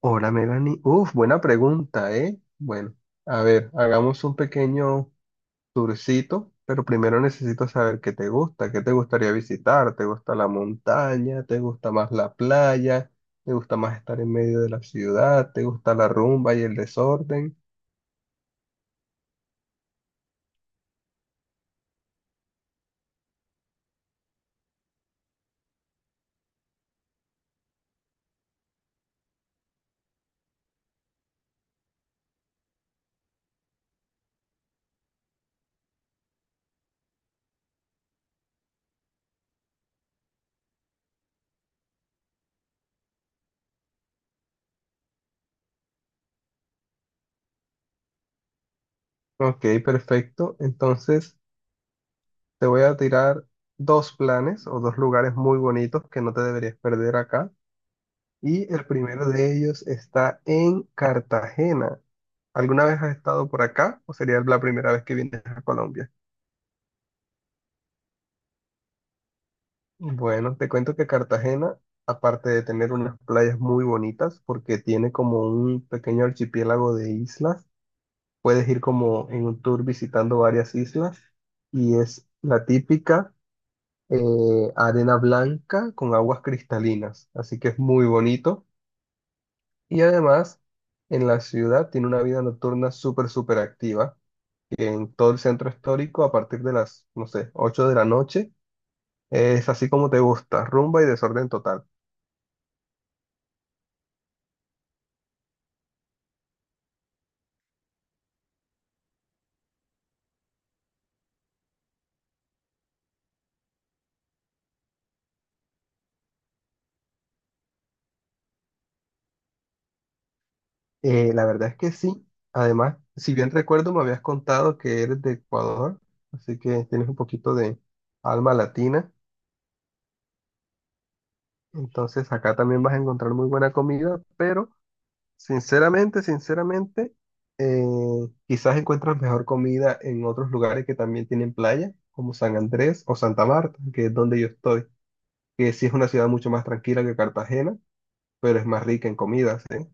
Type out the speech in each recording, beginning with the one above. Hola Melanie, uf, buena pregunta, ¿eh? Bueno, a ver, hagamos un pequeño tourcito, pero primero necesito saber qué te gusta, qué te gustaría visitar, ¿te gusta la montaña? ¿Te gusta más la playa? ¿Te gusta más estar en medio de la ciudad? ¿Te gusta la rumba y el desorden? Ok, perfecto. Entonces, te voy a tirar dos planes o dos lugares muy bonitos que no te deberías perder acá. Y el primero de ellos está en Cartagena. ¿Alguna vez has estado por acá o sería la primera vez que vienes a Colombia? Bueno, te cuento que Cartagena, aparte de tener unas playas muy bonitas, porque tiene como un pequeño archipiélago de islas, puedes ir como en un tour visitando varias islas y es la típica arena blanca con aguas cristalinas, así que es muy bonito y además en la ciudad tiene una vida nocturna súper, súper activa. En todo el centro histórico a partir de las, no sé, 8 de la noche. Es así como te gusta, rumba y desorden total. La verdad es que sí. Además, si bien recuerdo, me habías contado que eres de Ecuador, así que tienes un poquito de alma latina. Entonces, acá también vas a encontrar muy buena comida, pero sinceramente, sinceramente, eh, quizás encuentras mejor comida en otros lugares que también tienen playa, como San Andrés o Santa Marta, que es donde yo estoy. Que sí es una ciudad mucho más tranquila que Cartagena, pero es más rica en comidas, ¿eh?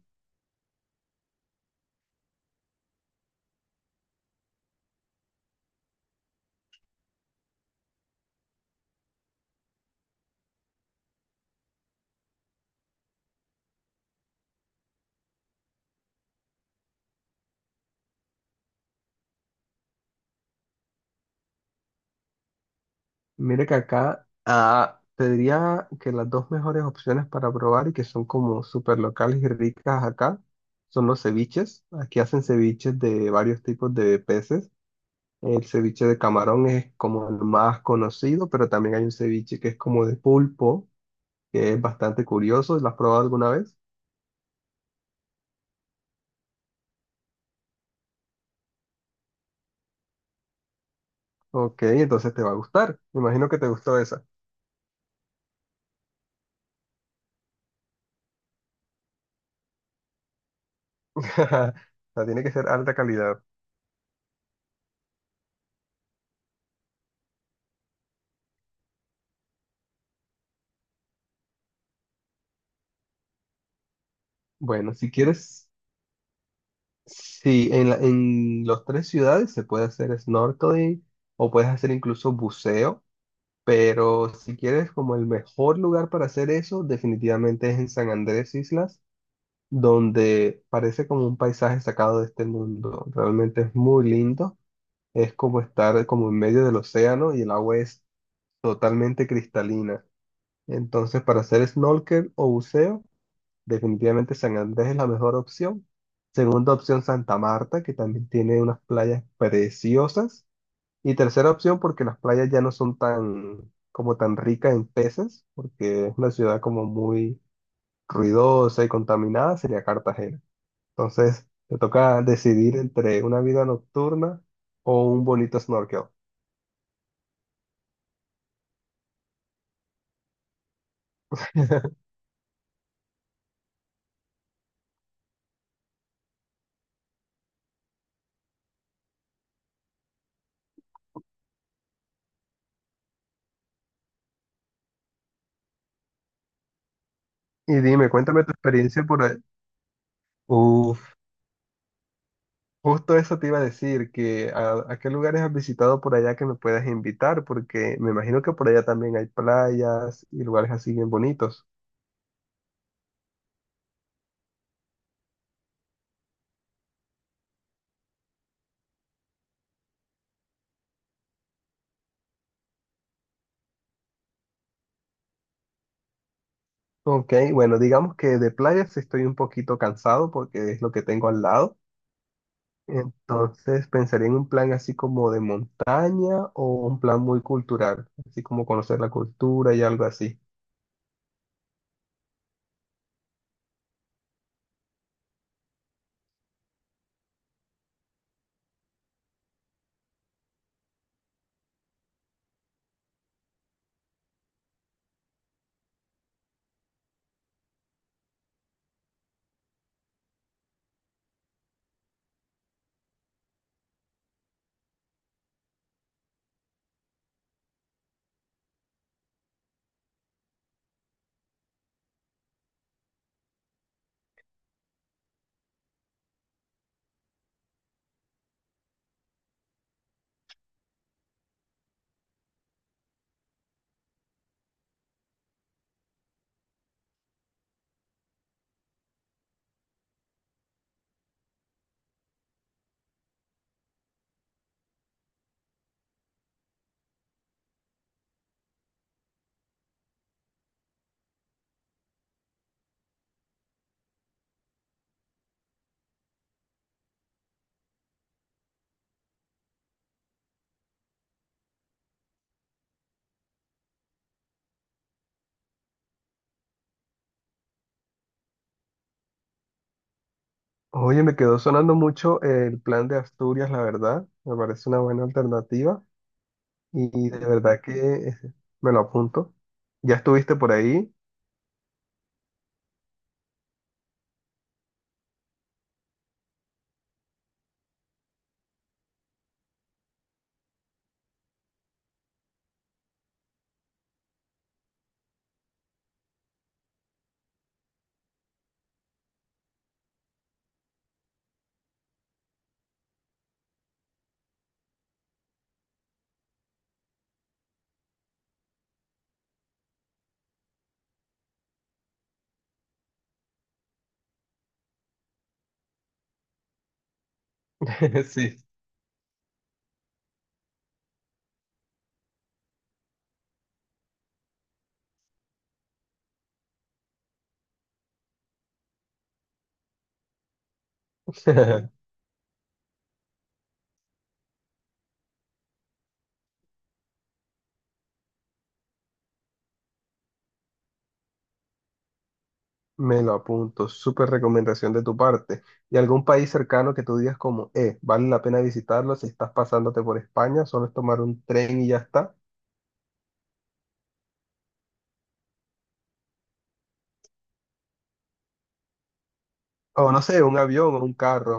Mire que acá te diría que las dos mejores opciones para probar y que son como súper locales y ricas acá son los ceviches. Aquí hacen ceviches de varios tipos de peces. El ceviche de camarón es como el más conocido, pero también hay un ceviche que es como de pulpo, que es bastante curioso. ¿Lo has probado alguna vez? Ok, entonces te va a gustar. Me imagino que te gustó esa. O sea, tiene que ser alta calidad. Bueno, si quieres, sí, en las tres ciudades se puede hacer snorkeling o puedes hacer incluso buceo, pero si quieres como el mejor lugar para hacer eso, definitivamente es en San Andrés Islas, donde parece como un paisaje sacado de este mundo. Realmente es muy lindo, es como estar como en medio del océano y el agua es totalmente cristalina. Entonces, para hacer snorkel o buceo, definitivamente San Andrés es la mejor opción. Segunda opción, Santa Marta, que también tiene unas playas preciosas. Y tercera opción, porque las playas ya no son tan, como tan ricas en peces, porque es una ciudad como muy ruidosa y contaminada, sería Cartagena. Entonces, te toca decidir entre una vida nocturna o un bonito snorkel. Y dime, cuéntame tu experiencia por ahí. Uf. Justo eso te iba a decir, que a qué lugares has visitado por allá que me puedas invitar, porque me imagino que por allá también hay playas y lugares así bien bonitos. Ok, bueno, digamos que de playas estoy un poquito cansado porque es lo que tengo al lado. Entonces pensaría en un plan así como de montaña o un plan muy cultural, así como conocer la cultura y algo así. Oye, me quedó sonando mucho el plan de Asturias, la verdad. Me parece una buena alternativa. Y de verdad que eh, me lo apunto. Ya estuviste por ahí. Sí. Me lo apunto. Súper recomendación de tu parte. ¿Y algún país cercano que tú digas como, vale la pena visitarlo si estás pasándote por España? Solo es tomar un tren y ya está. O no sé, un avión o un carro.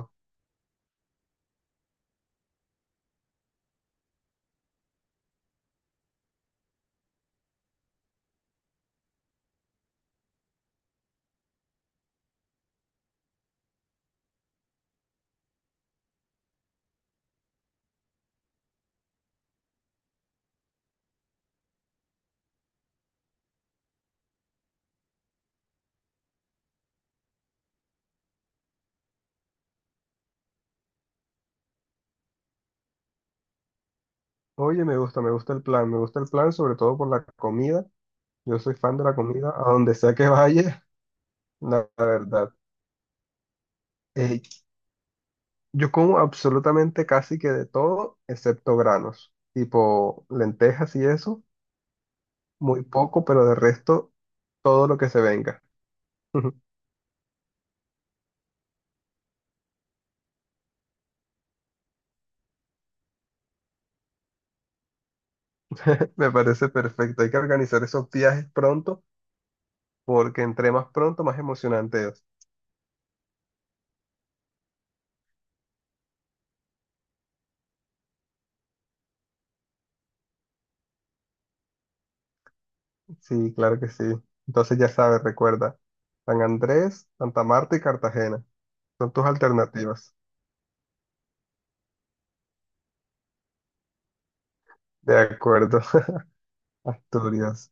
Oye, me gusta el plan. Me gusta el plan sobre todo por la comida. Yo soy fan de la comida. A donde sea que vaya, la verdad. Eh, Yo como absolutamente casi que de todo, excepto granos, tipo lentejas y eso, muy poco, pero de resto todo lo que se venga. Me parece perfecto. Hay que organizar esos viajes pronto, porque entre más pronto, más emocionante es. Sí, claro que sí. Entonces ya sabes, recuerda, San Andrés, Santa Marta y Cartagena son tus alternativas. De acuerdo, Asturias.